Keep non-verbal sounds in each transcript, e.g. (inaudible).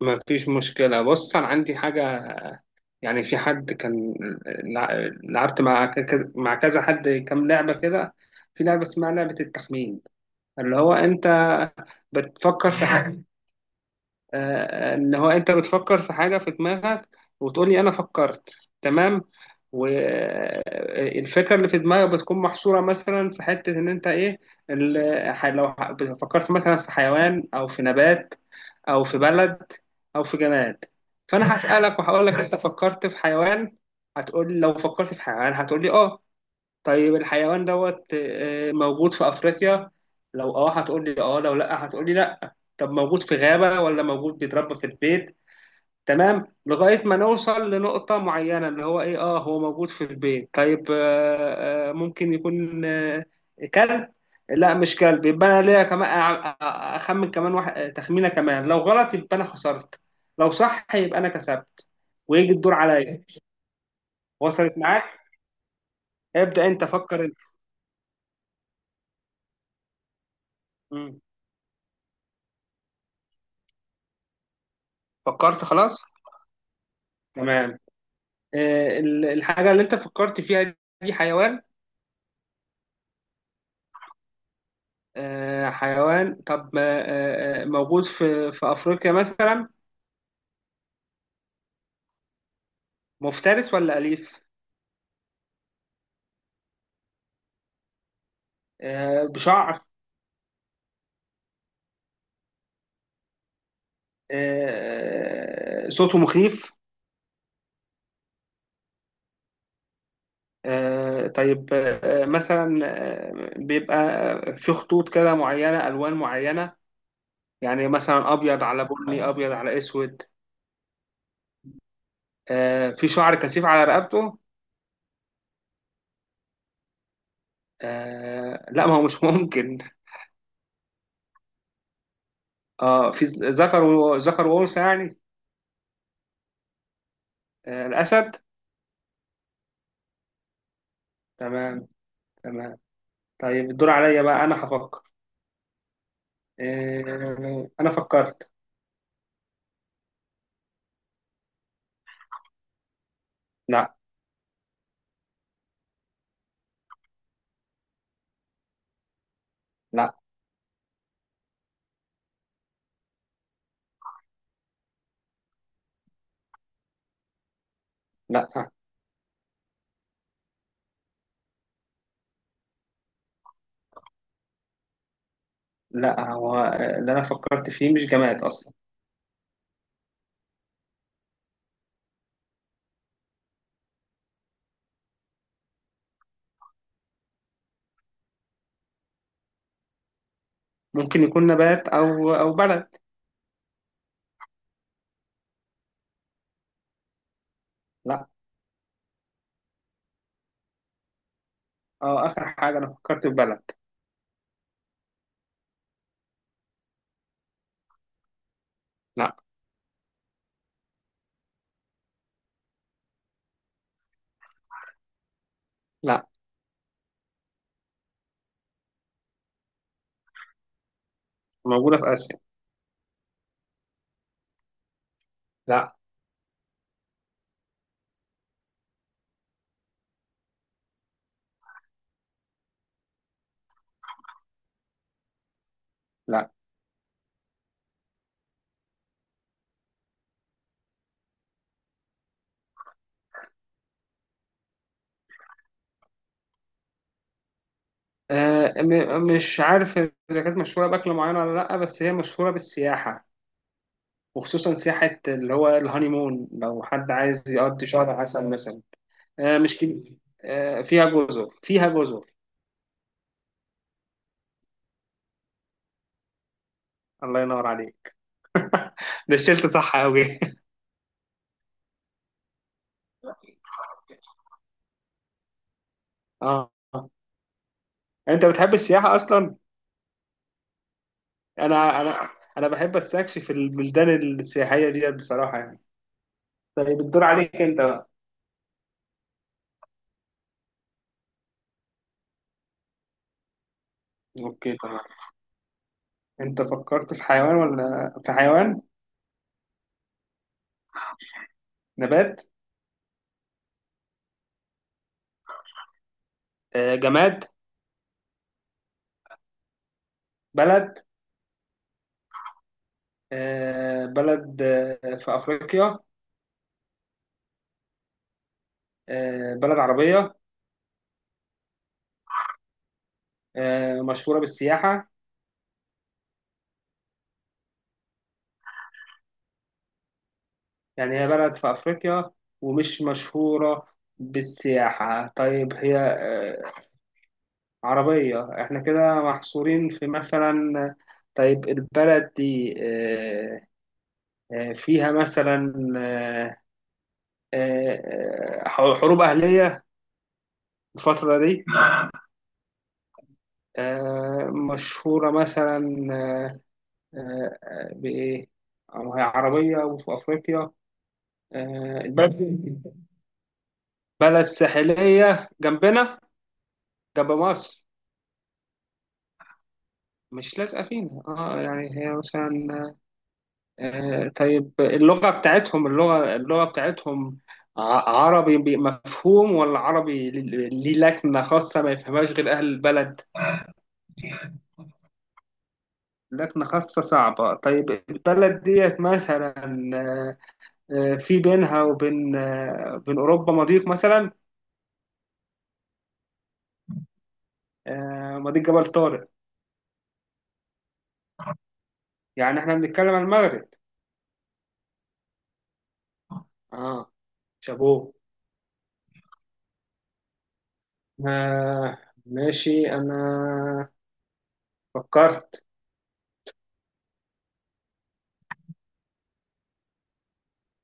ما فيش مشكلة. بص أنا عندي حاجة، يعني في حد كان لعبت مع كذا، مع كذا حد، كام لعبة كده. في لعبة اسمها لعبة التخمين، اللي هو أنت بتفكر في حاجة. ان هو انت بتفكر في حاجه في دماغك، وتقول لي انا فكرت. تمام. والفكره اللي في دماغك بتكون محصوره مثلا في حته ان انت ايه. ال- ح- لو ح- فكرت مثلا في حيوان او في نبات او في بلد او في جماد. فانا هسالك وهقول لك انت فكرت في حيوان، هتقول لي، لو فكرت في حيوان هتقول لي اه. طيب الحيوان دوت موجود في أفريقيا، لو اه هتقول لي اه، لو لا هتقول لي لا. طب موجود في غابة ولا موجود بيتربى في البيت؟ تمام، لغاية ما نوصل لنقطة معينة اللي هو ايه، اه هو موجود في البيت. طيب ممكن يكون كلب. لا مش كلب، يبقى انا ليا كمان اخمن كمان واحد، تخمينة كمان، لو غلط يبقى انا خسرت، لو صح يبقى انا كسبت. ويجي الدور عليا. وصلت معاك؟ ابدأ انت، فكر انت. مم. فكرت خلاص؟ تمام. الحاجة اللي أنت فكرت فيها دي حيوان. حيوان. طب موجود في في أفريقيا مثلا؟ مفترس ولا أليف؟ بشعر؟ صوته مخيف؟ طيب مثلا بيبقى في خطوط كده معينة، ألوان معينة، يعني مثلا أبيض على بني، أبيض على أسود؟ في شعر كثيف على رقبته؟ لا، ما هو مش ممكن. اه، في ذكر وانثى يعني؟ آه، الاسد. تمام، تمام. طيب الدور عليا بقى، انا هفكر. آه، انا فكرت. لا. لا. لا. لا، هو اللي انا فكرت فيه مش جماد اصلا. ممكن يكون نبات او او بلد. لا. اه، اخر حاجه، انا فكرت في بلد. لا. لا، موجوده في اسيا. لا. لا. مش عارف اذا كانت مشهوره باكل معين ولا لا، بس هي مشهوره بالسياحه، وخصوصا سياحة اللي هو الهانيمون، لو حد عايز يقضي شهر عسل مثلا. آه مش كده، آه فيها جزر، فيها جزر. الله ينور عليك، ده شلت صح أوي. (laughs) اه. انت بتحب السياحة اصلا؟ انا انا بحب استكشف البلدان السياحية ديت بصراحة يعني. طيب الدور عليك انت بقى. اوكي تمام. انت فكرت في حيوان ولا في حيوان؟ نبات؟ آه، جماد؟ بلد؟ آه بلد؟ آه في افريقيا؟ آه بلد عربية؟ مشهورة بالسياحة؟ يعني هي بلد في أفريقيا ومش مشهورة بالسياحة؟ طيب هي عربية؟ احنا كده محصورين في مثلا، طيب البلد دي فيها مثلا حروب أهلية الفترة دي؟ مشهورة مثلا آه، بإيه؟ أو هي عربية وفي أفريقيا. البلد، بلد ساحلية جنبنا، ده مصر. مش لازقة فينا اه يعني، هي مثلا، آه طيب اللغة بتاعتهم، اللغة بتاعتهم ع- مفهوم، ولا عربي ليه ليه لكنة خاصة ما يفهمهاش غير أهل البلد؟ لكنة خاصة صعبة. طيب البلد ديت مثلا في بينها وبين بين أوروبا مضيق مثلا؟ مضيق جبل طارق؟ يعني احنا بنتكلم عن المغرب. اه. شابوه. آه ماشي، أنا فكرت.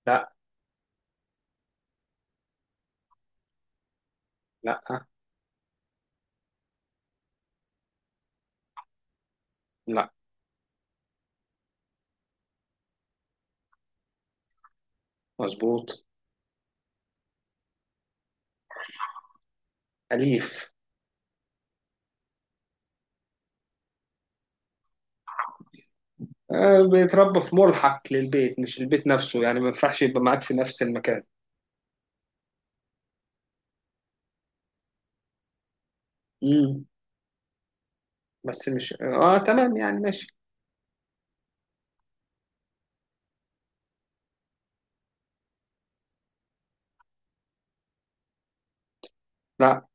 لا. لا. لا. مظبوط. أليف. بيتربى في ملحق للبيت، مش البيت نفسه، يعني ما ينفعش يبقى معاك في نفس المكان. امم بس مش اه تمام يعني، ماشي. لا.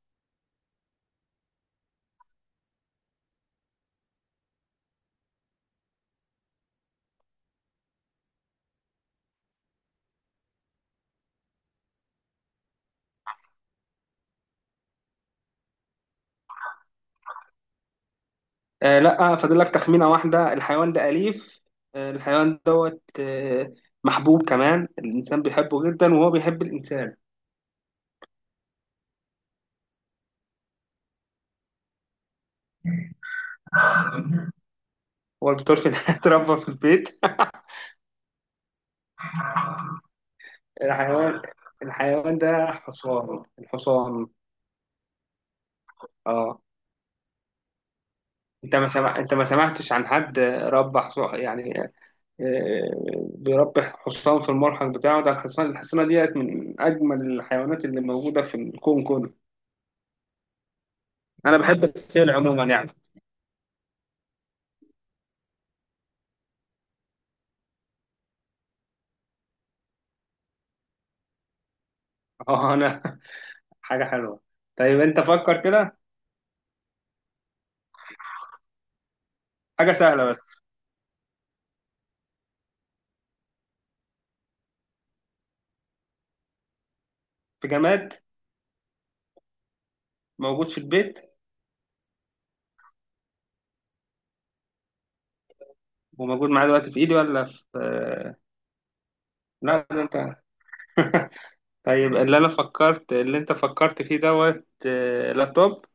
لا. فاضل لك تخمينة واحدة، الحيوان ده أليف، آه الحيوان دوت محبوب كمان، الإنسان بيحبه جدا وهو بيحب الإنسان. هو البطار في (laughs) اتربى في البيت؟ (laughs) الحيوان الحيوان ده حصان، الحصان. اه. انت ما سمع... انت ما سمعتش عن حد ربى حصان يعني؟ آه، بيربي حصان في الملحق بتاعه. ده الحصان، الحصانه ديت، من اجمل الحيوانات اللي موجوده في الكون كله. انا بحب السيل عموما يعني. اه انا. (laughs) حاجه حلوه. طيب انت فكر كده. حاجه سهله بس. في جماد، موجود في البيت، وموجود معايا دلوقتي في ايدي ولا في لا ده انت. (laughs) طيب اللي انت فكرت فيه دوت لابتوب.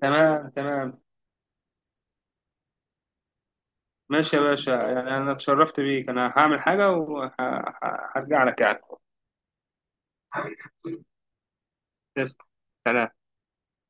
تمام، تمام. ماشي يا باشا، يعني انا اتشرفت بيك، انا هعمل حاجة وهرجع لك يعني. تسلم. سلام.